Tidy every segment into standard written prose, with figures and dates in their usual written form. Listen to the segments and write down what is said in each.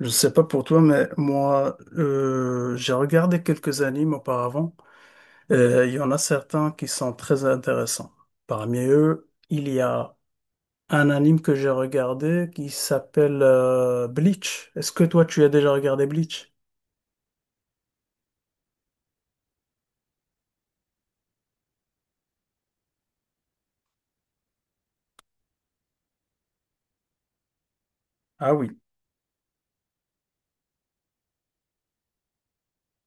Je sais pas pour toi, mais moi, j'ai regardé quelques animes auparavant. Il y en a certains qui sont très intéressants. Parmi eux, il y a un anime que j'ai regardé qui s'appelle Bleach. Est-ce que toi, tu as déjà regardé Bleach? Ah oui.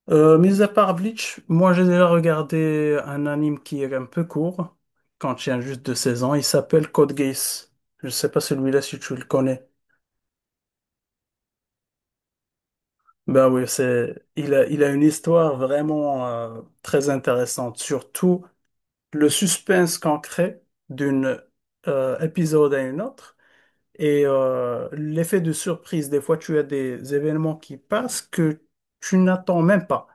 Mis à part Bleach, moi, j'ai déjà regardé un anime qui est un peu court, quand il y a juste deux saisons. Il s'appelle Code Geass. Je sais pas celui-là si tu le connais. Ben oui, c'est, il a une histoire vraiment très intéressante, surtout le suspense qu'on crée d'une épisode à une autre et l'effet de surprise. Des fois, tu as des événements qui passent que tu n'attends même pas.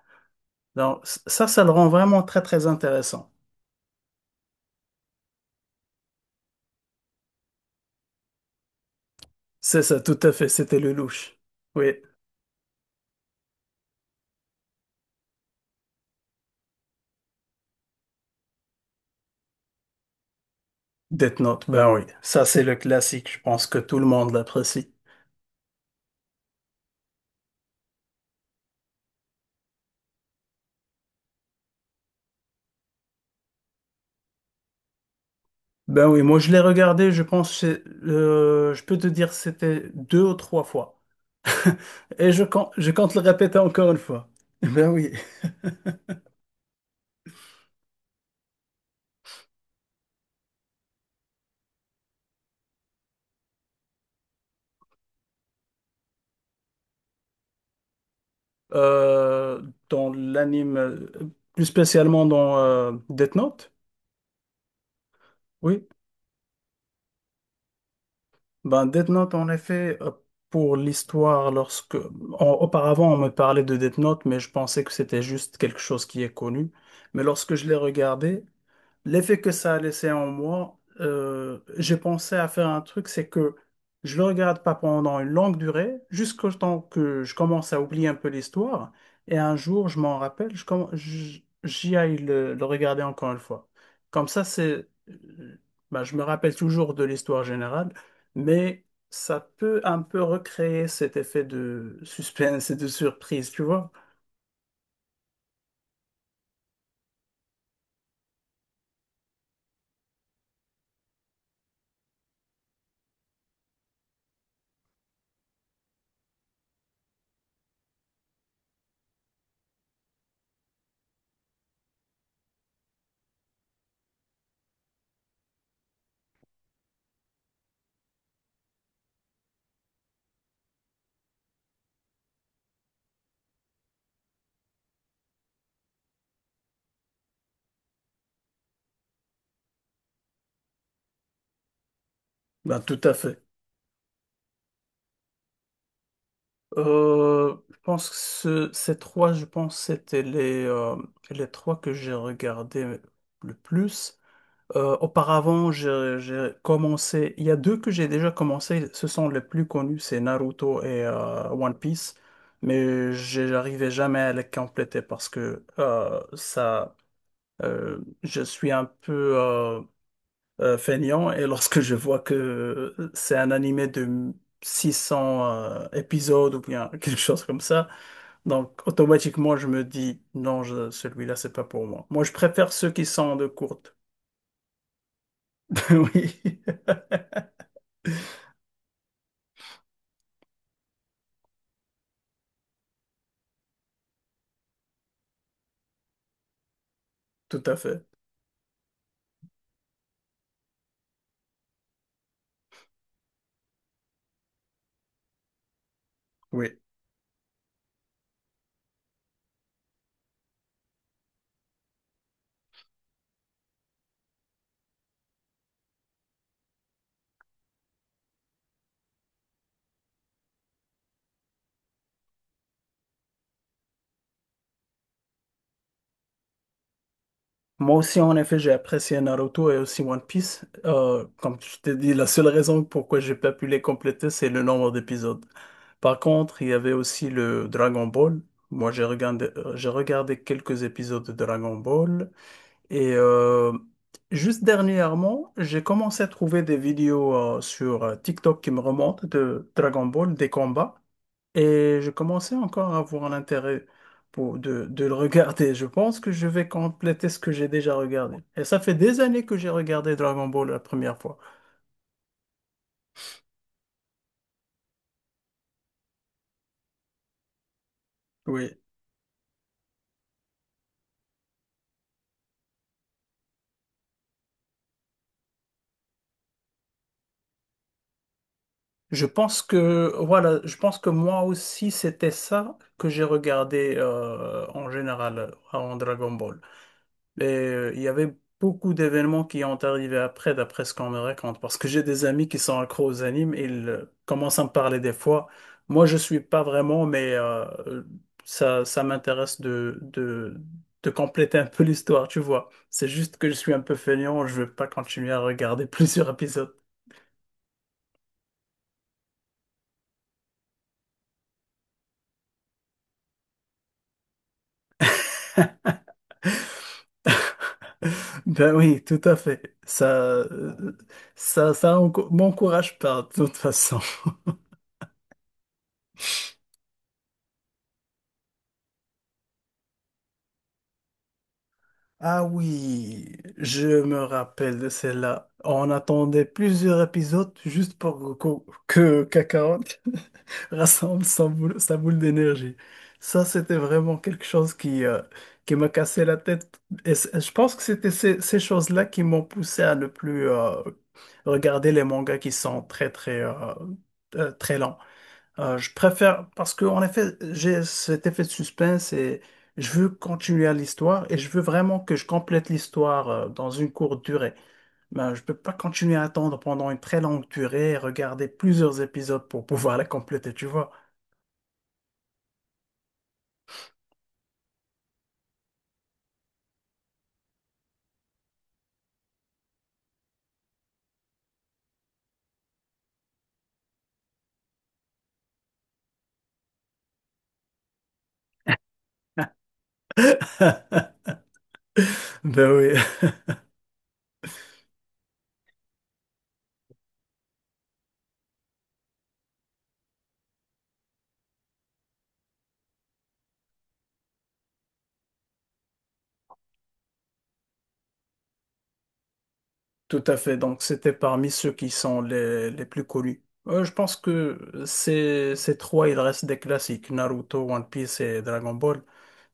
Donc, ça, ça le rend vraiment très, très intéressant. C'est ça, tout à fait, c'était le louche. Oui, Death Note, ben oui, ça, c'est le classique. Je pense que tout le monde l'apprécie. Ben oui, moi je l'ai regardé, je pense, je peux te dire c'était deux ou trois fois. Et je compte le répéter encore une fois. Ben oui. Euh, Dans l'anime, plus spécialement dans Death Note, oui. Ben Death Note, en effet, pour l'histoire, lorsque... auparavant, on me parlait de Death Note, mais je pensais que c'était juste quelque chose qui est connu. Mais lorsque je l'ai regardé, l'effet que ça a laissé en moi, j'ai pensé à faire un truc, c'est que je le regarde pas pendant une longue durée, jusqu'au temps que je commence à oublier un peu l'histoire, et un jour, je m'en rappelle, j'y aille le regarder encore une fois. Comme ça, bah, je me rappelle toujours de l'histoire générale, mais ça peut un peu recréer cet effet de suspense et de surprise, tu vois? Ben, tout à fait. Je pense que ces trois, je pense, c'était les trois que j'ai regardés le plus. Auparavant, j'ai commencé. Il y a deux que j'ai déjà commencé. Ce sont les plus connus, c'est Naruto et One Piece. Mais j'arrivais jamais à les compléter parce que ça, je suis un peu. Feignant et lorsque je vois que c'est un animé de 600 épisodes ou bien quelque chose comme ça, donc automatiquement je me dis non, celui-là c'est pas pour moi. Moi je préfère ceux qui sont de courte. Oui, tout à fait. Oui. Moi aussi, en effet, j'ai apprécié Naruto et aussi One Piece. Comme je t'ai dit, la seule raison pourquoi j'ai pas pu les compléter, c'est le nombre d'épisodes. Par contre, il y avait aussi le Dragon Ball. Moi, j'ai regardé quelques épisodes de Dragon Ball. Et juste dernièrement, j'ai commencé à trouver des vidéos sur TikTok qui me remontent de Dragon Ball, des combats. Et je commençais encore à avoir l'intérêt de le regarder. Je pense que je vais compléter ce que j'ai déjà regardé. Et ça fait des années que j'ai regardé Dragon Ball la première fois. Oui. Je pense que, voilà, je pense que moi aussi, c'était ça que j'ai regardé en général en Dragon Ball. Et il y avait beaucoup d'événements qui ont arrivé après, d'après ce qu'on me raconte, parce que j'ai des amis qui sont accros aux animes, et ils commencent à me parler des fois. Moi, je suis pas vraiment, mais ça, de compléter un peu l'histoire, tu vois. C'est juste que je suis un peu feignant, je veux pas continuer à regarder plusieurs épisodes. Ben oui, tout à fait. Euh, ça m'encourage pas, de toute façon. Ah oui, je me rappelle de celle-là. On attendait plusieurs épisodes juste pour que Kakarot rassemble sa boule d'énergie. Ça, c'était vraiment quelque chose qui m'a cassé la tête. Et je pense que c'était ces choses-là qui m'ont poussé à ne plus regarder les mangas qui sont très, très, très lents. Je préfère, parce que en effet, j'ai cet effet de suspense et je veux continuer à l'histoire et je veux vraiment que je complète l'histoire dans une courte durée. Ben, je peux pas continuer à attendre pendant une très longue durée et regarder plusieurs épisodes pour pouvoir la compléter, tu vois. Ben oui. Tout à fait. Donc, c'était parmi ceux qui sont les plus connus. Je pense que ces trois, il reste des classiques. Naruto, One Piece et Dragon Ball,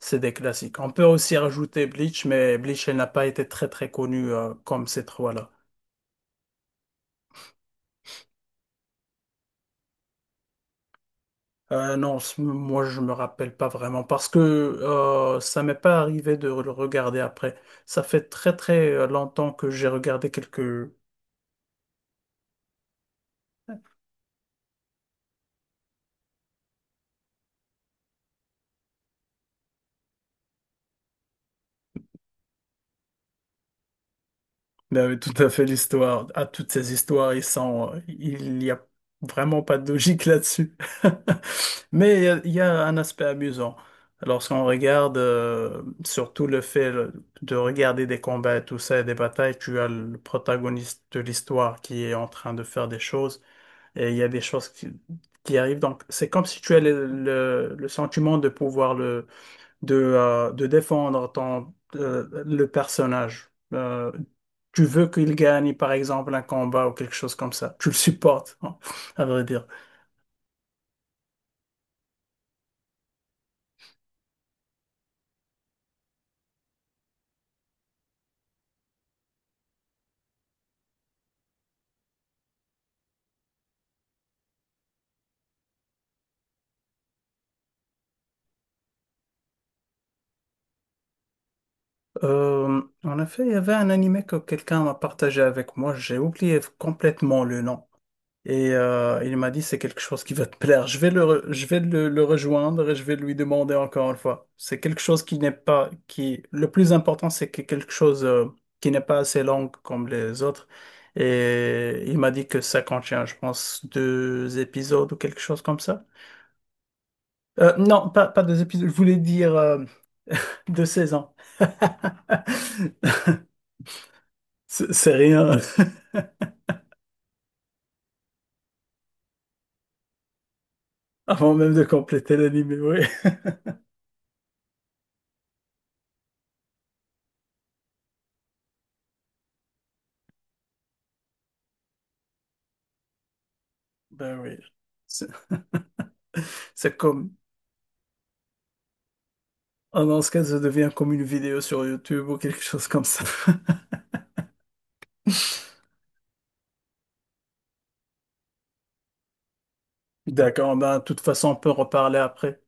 c'est des classiques. On peut aussi rajouter Bleach, mais Bleach, elle n'a pas été très très connue comme ces trois-là. Non, moi, je me rappelle pas vraiment parce que ça m'est pas arrivé de le regarder après. Ça fait très très longtemps que j'ai regardé quelques vous avez tout à fait l'histoire. À toutes ces histoires, il n'y a vraiment pas de logique là-dessus. Mais il y a un aspect amusant. Lorsqu'on regarde, surtout le fait de regarder des combats et tout ça, et des batailles, tu as le protagoniste de l'histoire qui est en train de faire des choses, et il y a des choses qui arrivent. Donc, c'est comme si tu as le sentiment de pouvoir le de défendre le personnage. Tu veux qu'il gagne, par exemple, un combat ou quelque chose comme ça. Tu le supportes, hein, à vrai dire. En effet, il y avait un animé que quelqu'un m'a partagé avec moi. J'ai oublié complètement le nom. Et il m'a dit, c'est quelque chose qui va te plaire. Je vais je vais le rejoindre et je vais lui demander encore une fois. C'est quelque chose qui n'est pas, qui, le plus important, c'est que quelque chose qui n'est pas assez long comme les autres. Et il m'a dit que ça contient, je pense, deux épisodes ou quelque chose comme ça. Non, pas deux épisodes, je voulais dire deux saisons. C'est rien, avant même de compléter l'anime, oui. Ben oui. C'est c'est comme. Ah non, ce cas, ça devient comme une vidéo sur YouTube ou quelque chose comme ça. D'accord, ben, de toute façon, on peut reparler après.